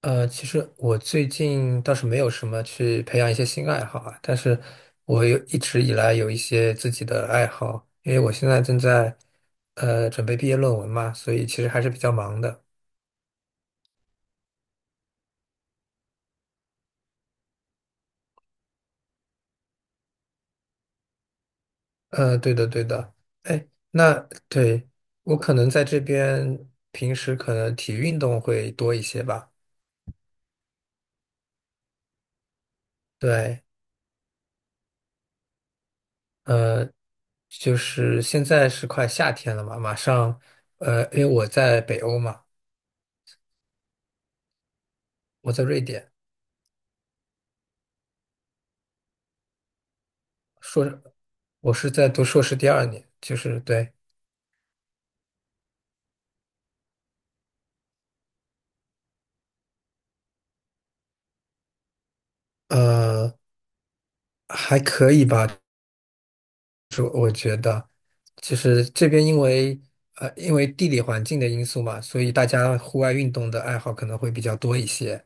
其实我最近倒是没有什么去培养一些新爱好啊，但是我有一直以来有一些自己的爱好，因为我现在正在准备毕业论文嘛，所以其实还是比较忙的。对的，对的。哎，那对，我可能在这边平时可能体育运动会多一些吧。对，呃，就是现在是快夏天了嘛，马上，因为我在北欧嘛，我在瑞典。硕士，我是在读硕士第二年，就是对，呃，还可以吧。就是这边因为因为地理环境的因素嘛，所以大家户外运动的爱好可能会比较多一些。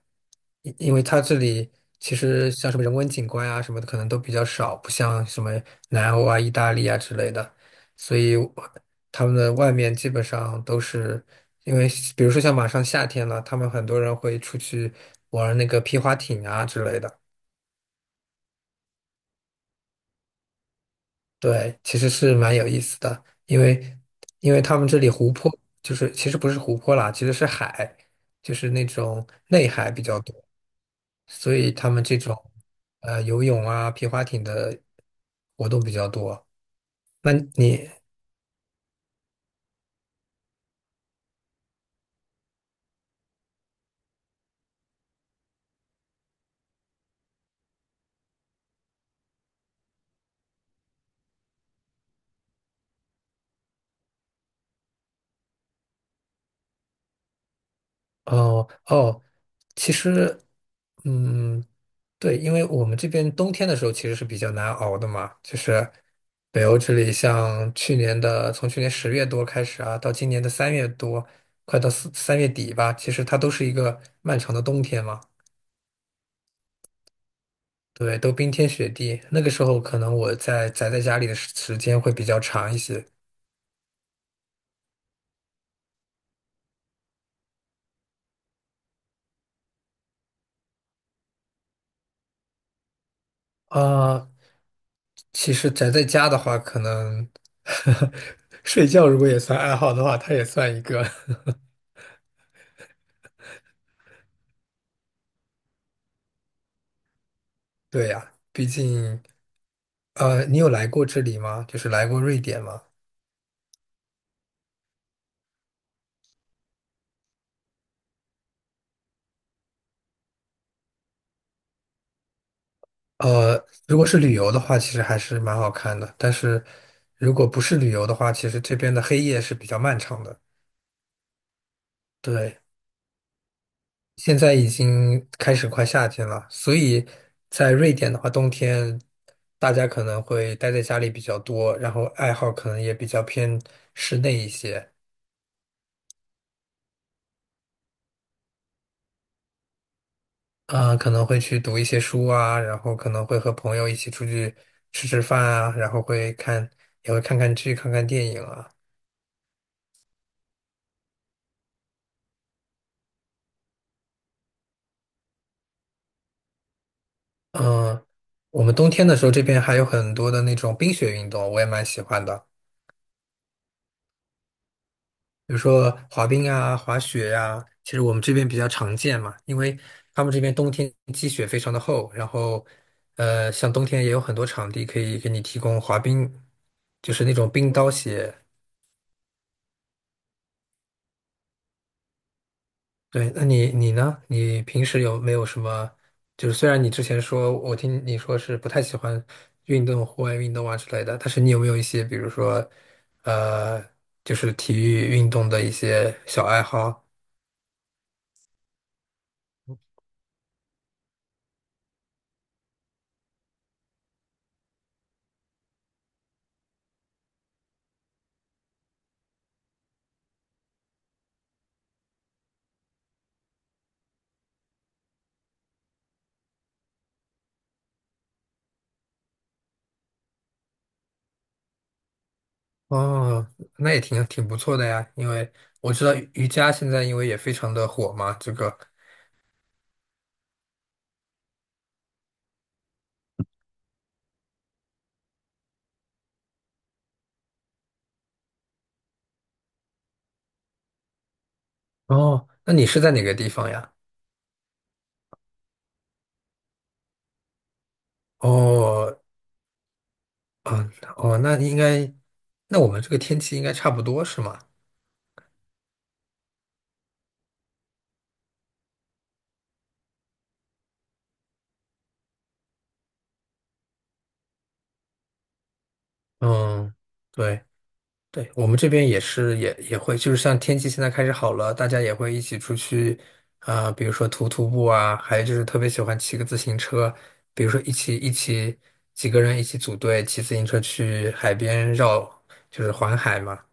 因为它这里其实像什么人文景观啊什么的，可能都比较少，不像什么南欧啊、意大利啊之类的，所以我他们的外面基本上都是因为，比如说像马上夏天了，他们很多人会出去玩那个皮划艇啊之类的。对，其实是蛮有意思的，因为因为他们这里湖泊就是其实不是湖泊啦，其实是海，就是那种内海比较多，所以他们这种游泳啊、皮划艇的活动比较多。那你哦哦，其实，嗯，对，因为我们这边冬天的时候其实是比较难熬的嘛，就是北欧这里，像去年的从去年10月多开始啊，到今年的三月多，快到四三月底吧，其实它都是一个漫长的冬天嘛，对，都冰天雪地。那个时候可能我在宅在家里的时间会比较长一些啊，其实宅在家的话，可能 睡觉如果也算爱好的话，它也算一个。对呀，毕竟，你有来过这里吗？就是来过瑞典吗？如果是旅游的话，其实还是蛮好看的。但是，如果不是旅游的话，其实这边的黑夜是比较漫长的。对，现在已经开始快夏天了，所以在瑞典的话，冬天大家可能会待在家里比较多，然后爱好可能也比较偏室内一些。啊，可能会去读一些书啊，然后可能会和朋友一起出去吃饭啊，然后会看，也会看看剧、看看电影啊。嗯，我们冬天的时候这边还有很多的那种冰雪运动，我也蛮喜欢的，比如说滑冰啊、滑雪呀、其实我们这边比较常见嘛，因为他们这边冬天积雪非常的厚，然后像冬天也有很多场地可以给你提供滑冰，就是那种冰刀鞋。对，那你呢？你平时有没有什么？就是虽然你之前说，我听你说是不太喜欢运动、户外运动啊之类的，但是你有没有一些，比如说，呃，就是体育运动的一些小爱好？哦，那也挺不错的呀，因为我知道瑜伽现在因为也非常的火嘛，这个。哦，那你是在哪个地方呀？哦，嗯，哦，那应该，那我们这个天气应该差不多是吗？嗯。对。对，我们这边也是，也会，就是像天气现在开始好了，大家也会一起出去，啊、比如说徒步啊，还有就是特别喜欢骑个自行车，比如说一起几个人一起组队骑自行车去海边绕，就是环海嘛。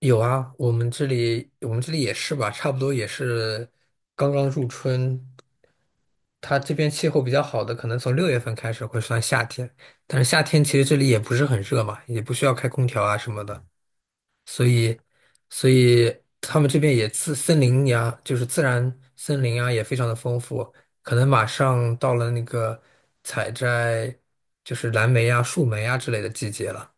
有啊，我们这里也是吧，差不多也是刚刚入春，它这边气候比较好的，可能从6月份开始会算夏天，但是夏天其实这里也不是很热嘛，也不需要开空调啊什么的。所以，所以他们这边也自森林呀，就是自然森林啊，也非常的丰富。可能马上到了那个采摘，就是蓝莓啊、树莓啊之类的季节了。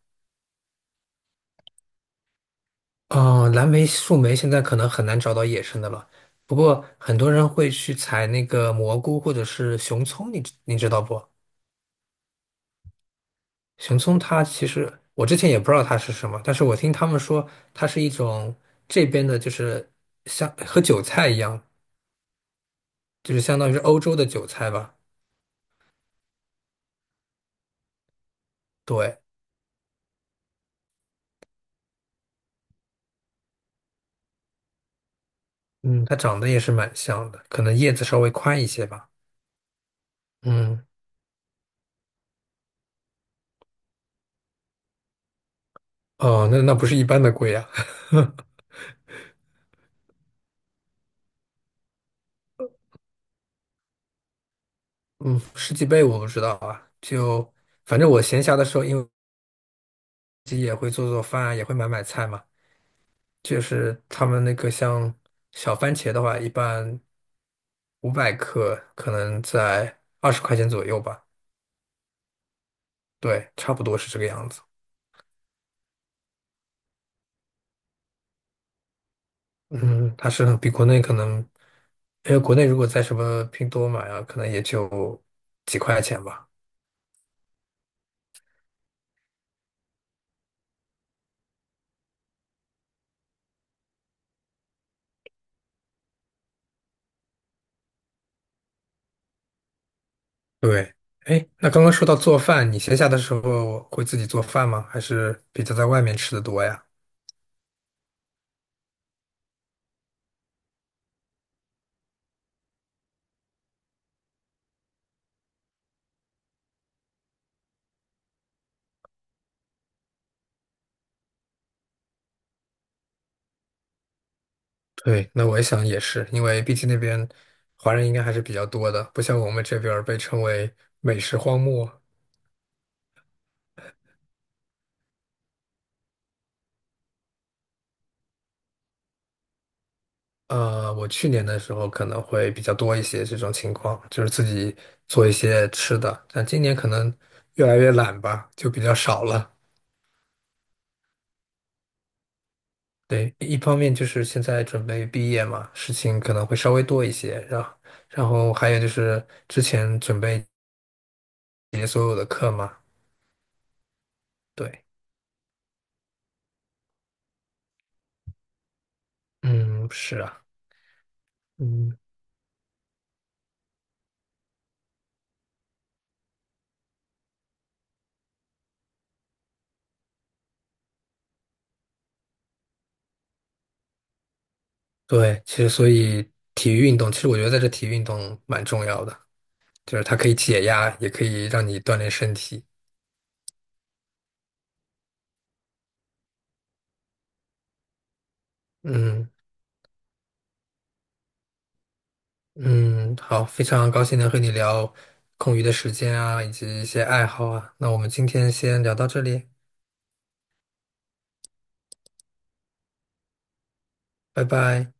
哦，蓝莓、树莓现在可能很难找到野生的了。不过很多人会去采那个蘑菇或者是熊葱，你知道不？熊葱它其实我之前也不知道它是什么，但是我听他们说它是一种这边的，就是像和韭菜一样。就是相当于是欧洲的韭菜吧。对，嗯它长得也是蛮像的，可能叶子稍微宽一些吧。嗯，哦，那那不是一般的贵啊。嗯，十几倍我不知道啊。就反正我闲暇的时候，因为自己也会做饭啊，也会买菜嘛。就是他们那个像小番茄的话，一般500克可能在20块钱左右吧。对，差不多是这个样子。嗯，它是比国内可能，因为国内如果在什么拼多多买啊，可能也就几块钱吧。对，哎，那刚刚说到做饭，你闲暇的时候会自己做饭吗？还是比较在外面吃的多呀？对，那我也想也是，因为毕竟那边华人应该还是比较多的，不像我们这边儿被称为美食荒漠。我去年的时候可能会比较多一些这种情况，就是自己做一些吃的，但今年可能越来越懒吧，就比较少了。对，一方面就是现在准备毕业嘛，事情可能会稍微多一些，然后，然后还有就是之前准备结所有的课嘛，对，嗯，是啊，嗯，对，其实所以体育运动，其实我觉得在这体育运动蛮重要的，就是它可以解压，也可以让你锻炼身体，嗯嗯，好，非常高兴能和你聊空余的时间啊，以及一些爱好啊，那我们今天先聊到这里，拜拜。